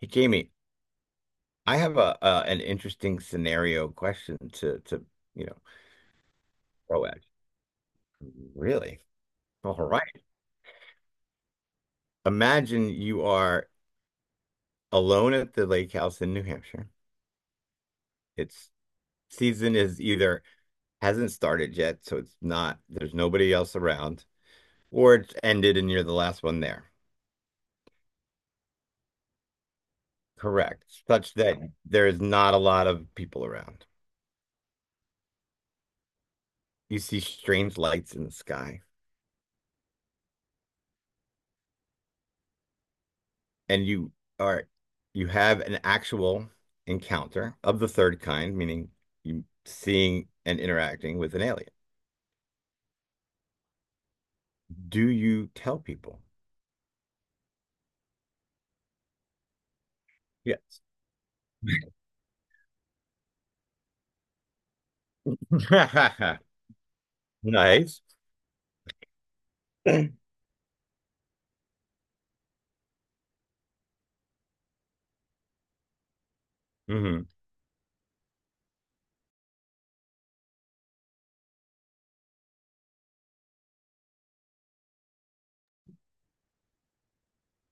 Hey, Jamie, I have a an interesting scenario question to you know throw at you. Really? All right. Imagine you are alone at the lake house in New Hampshire. It's Season is either hasn't started yet, so it's not, there's nobody else around, or it's ended and you're the last one there. Correct. Such that there is not a lot of people around. You see strange lights in the sky. And are you have an actual encounter of the third kind, meaning you seeing and interacting with an alien. Do you tell people? Yes. Nice. hmm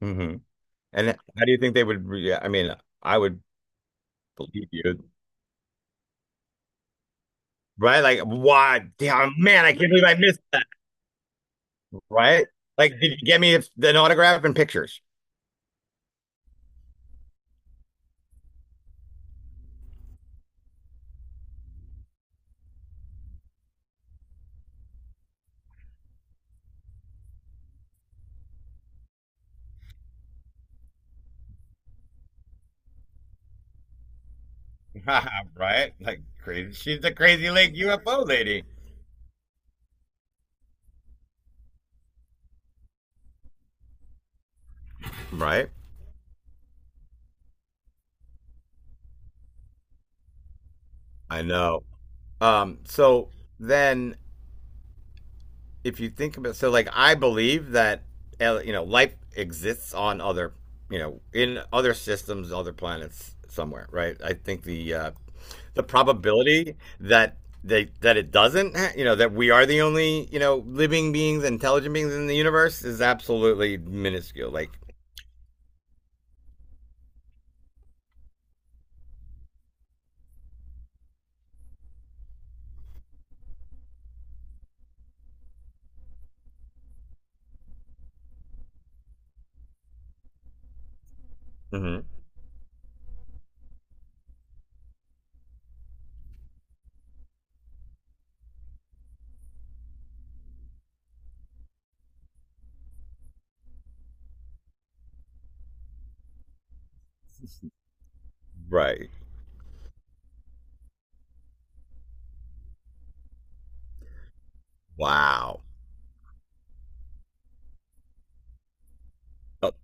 hmm And how do you think they would re I mean, I would believe you, right? Like, why? Damn, man, I can't believe I missed that, right? Like, did you get me an autograph and pictures? Right? Like crazy. She's the crazy lake UFO lady. Right? I know. So then, if you think about, so like I believe that you know life exists on other, you know, in other systems, other planets somewhere, right? I think the probability that they that it doesn't, you know, that we are the only you know living beings, intelligent beings in the universe is absolutely minuscule. Like, mhm, right? Wow. Oh,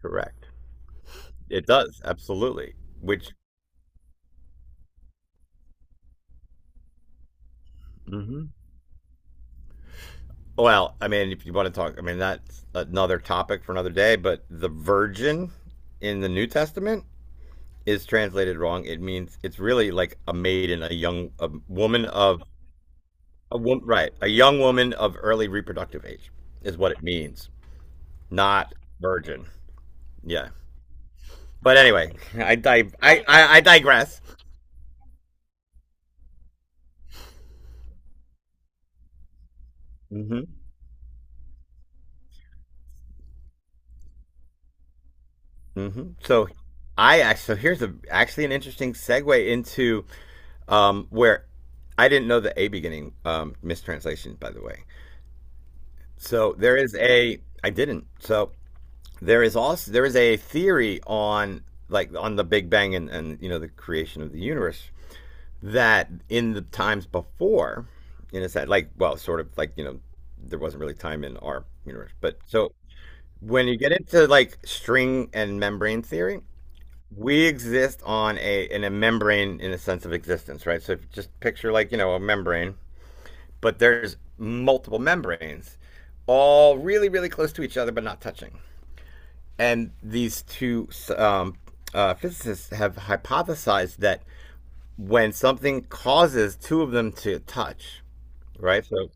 correct. It does absolutely. Which. Mhm. Well, I mean, if you want to talk, I mean, that's another topic for another day, but the virgin in the New Testament is translated wrong. It means it's really like a maiden, a woman of a woman, right? A young woman of early reproductive age is what it means, not virgin. Yeah. But anyway, I di- I digress. Hmm. mm hmm So I actually so here's a actually an interesting segue into where I didn't know the a beginning mistranslation, by the way. So there is a I didn't. So there is also there is a theory on on the Big Bang and, you know the creation of the universe that in the times before, in a sense, like well, sort of like you know there wasn't really time in our universe, but so when you get into like string and membrane theory, we exist on a in a membrane in a sense of existence, right? So if you just picture like you know a membrane but there's multiple membranes, all really, really close to each other, but not touching. And these two um, physicists have hypothesized that when something causes two of them to touch, right? So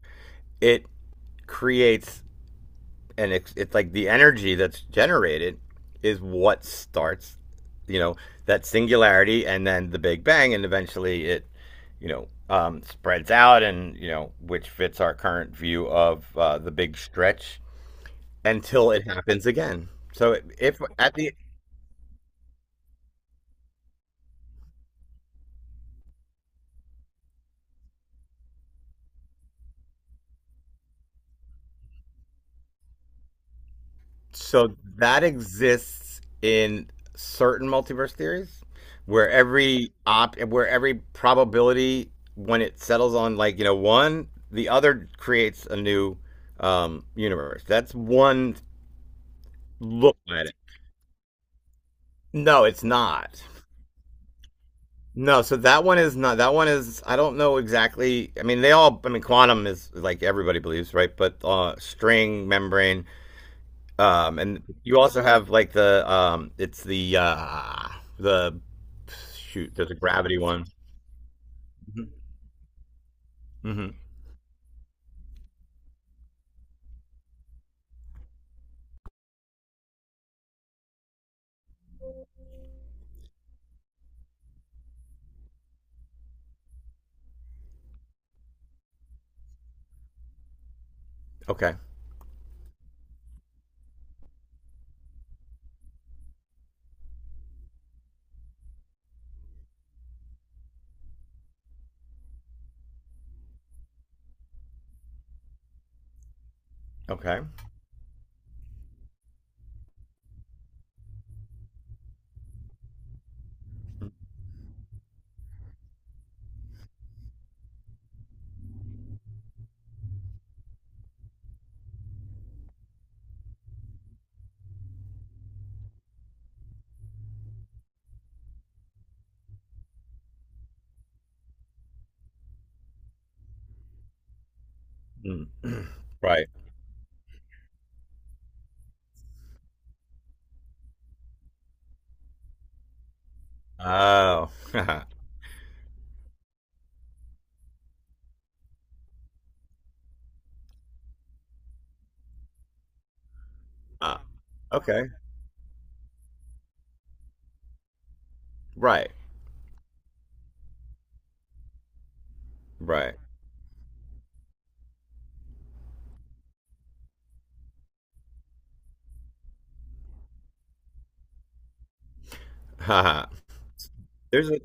it creates, and it's like the energy that's generated is what starts you know that singularity and then the big bang, and eventually it you know spreads out and you know which fits our current view of the big stretch until it happens again. So if at the so that exists in certain multiverse theories where every op where every probability when it settles on like, you know, one, the other creates a new universe. That's one look at it. No, it's not. No, so that one is not, that one is I don't know exactly. I mean, they all, I mean quantum is like everybody believes, right? But string membrane. And you also have like the shoot. There's a gravity one. Mm-hmm. Okay. Okay. Mm. Right. Oh. Ah, okay. Right. Right. Haha. there's a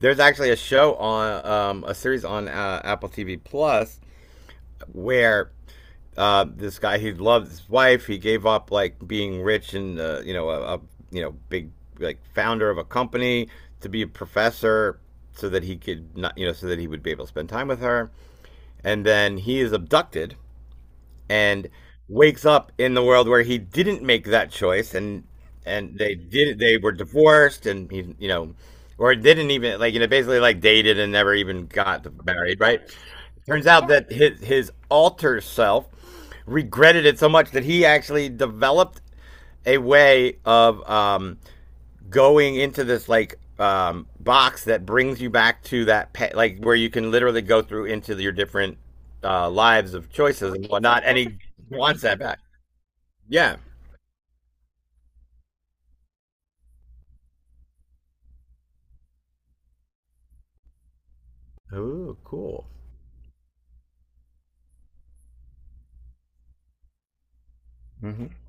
there's actually a show on a series on Apple TV Plus where this guy, he loved his wife. He gave up like being rich and you know a you know big like founder of a company to be a professor so that he could not you know so that he would be able to spend time with her. And then he is abducted and wakes up in the world where he didn't make that choice, and they were divorced, and he you know or didn't even like you know basically like dated and never even got married, right? Turns out that his alter self regretted it so much that he actually developed a way of going into this like box that brings you back to like where you can literally go through into your different lives of choices and whatnot, and he wants that back. Yeah. Oh, cool. Mm-hmm.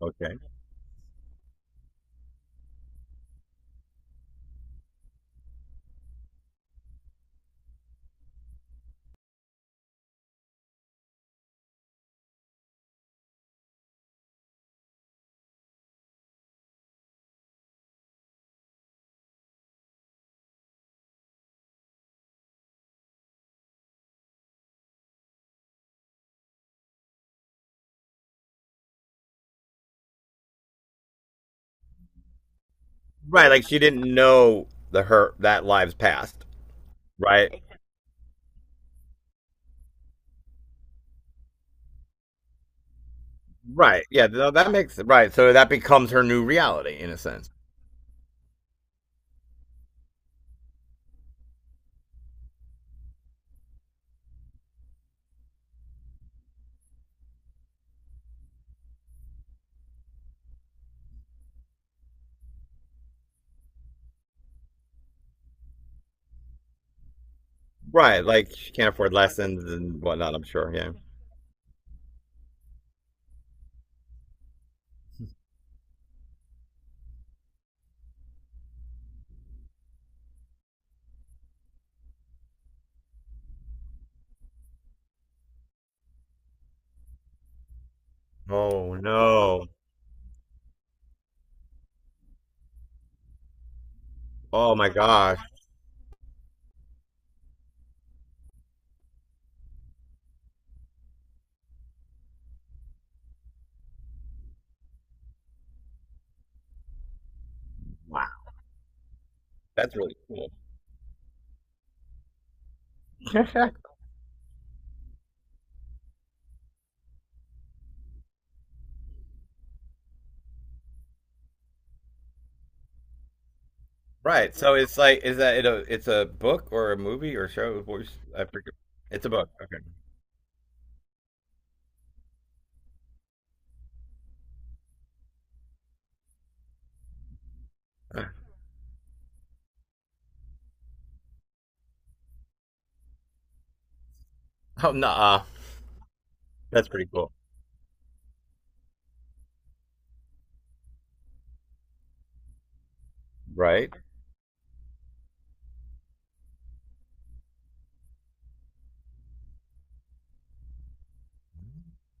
Okay. Right. Like she didn't know the her that lives past. Right. Right. Yeah. No, that makes it right. So that becomes her new reality in a sense. Right. Like she can't afford lessons and whatnot. I'm sure. Yeah. Oh no. Oh my gosh. Wow. That's really cool. Right. So it's like, is that it's a book or a movie or show? What was— I forget. It's a book. Okay. Oh, no. That's pretty cool. Right.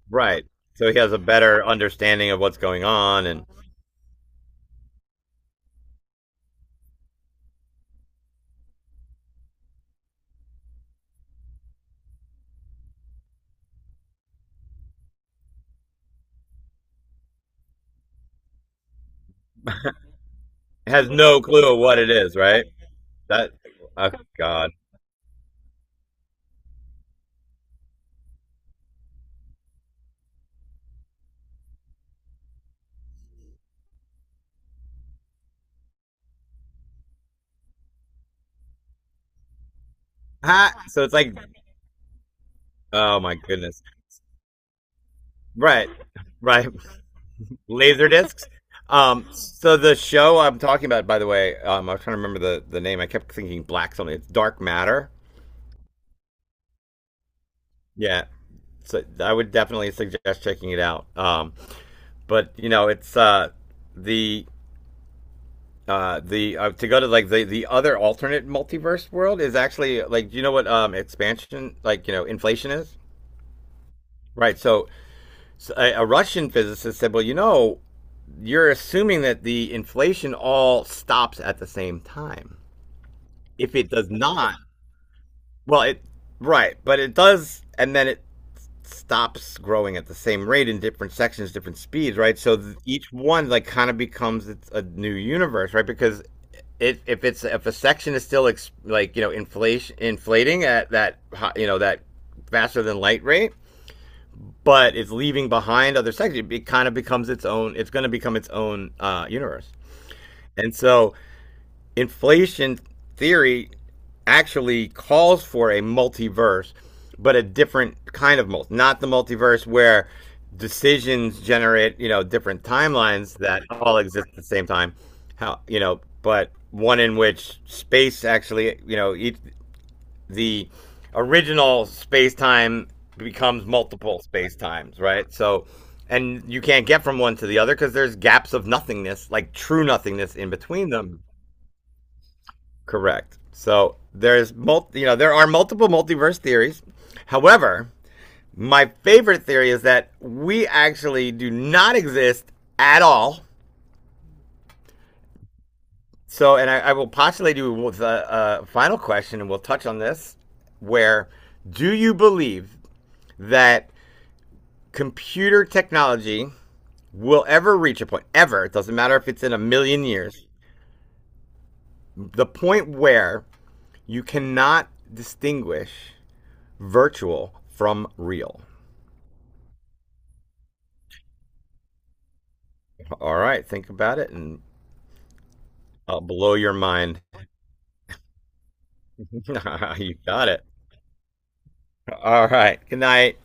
Right. So he has a better understanding of what's going on and has no clue of what it is, right? That, oh, God. Ha! So it's like, oh my goodness. Right. Right. Laser discs. So the show I'm talking about, by the way, I was trying to remember the name. I kept thinking black something. It's Dark Matter. Yeah. So I would definitely suggest checking it out. But you know, it's the the to go to like the other alternate multiverse world is actually like do you know what expansion like you know inflation is, right? So, so a Russian physicist said, well you know you're assuming that the inflation all stops at the same time. If it does not, well it right, but it does, and then it stops growing at the same rate in different sections, different speeds, right? So each one like kind of becomes it's a new universe, right? Because it, if it's if a section is still like you know inflation inflating at that you know that faster than light rate, but it's leaving behind other sections, it kind of becomes its own. It's going to become its own universe. And so inflation theory actually calls for a multiverse, but a different kind of multiverse, not the multiverse where decisions generate, you know, different timelines that all exist at the same time. How, you know, but one in which space actually, you know, the original space time becomes multiple space times, right? So, and you can't get from one to the other because there's gaps of nothingness, like true nothingness in between them. Correct. So there's you know there are multiple multiverse theories. However, my favorite theory is that we actually do not exist at all. So, and I will postulate you with a final question, and we'll touch on this. Where do you believe that computer technology will ever reach a point? Ever? It doesn't matter if it's in a million years. The point where you cannot distinguish virtual from real. All right, think about it, and I'll blow your mind. You got it. All right, good night.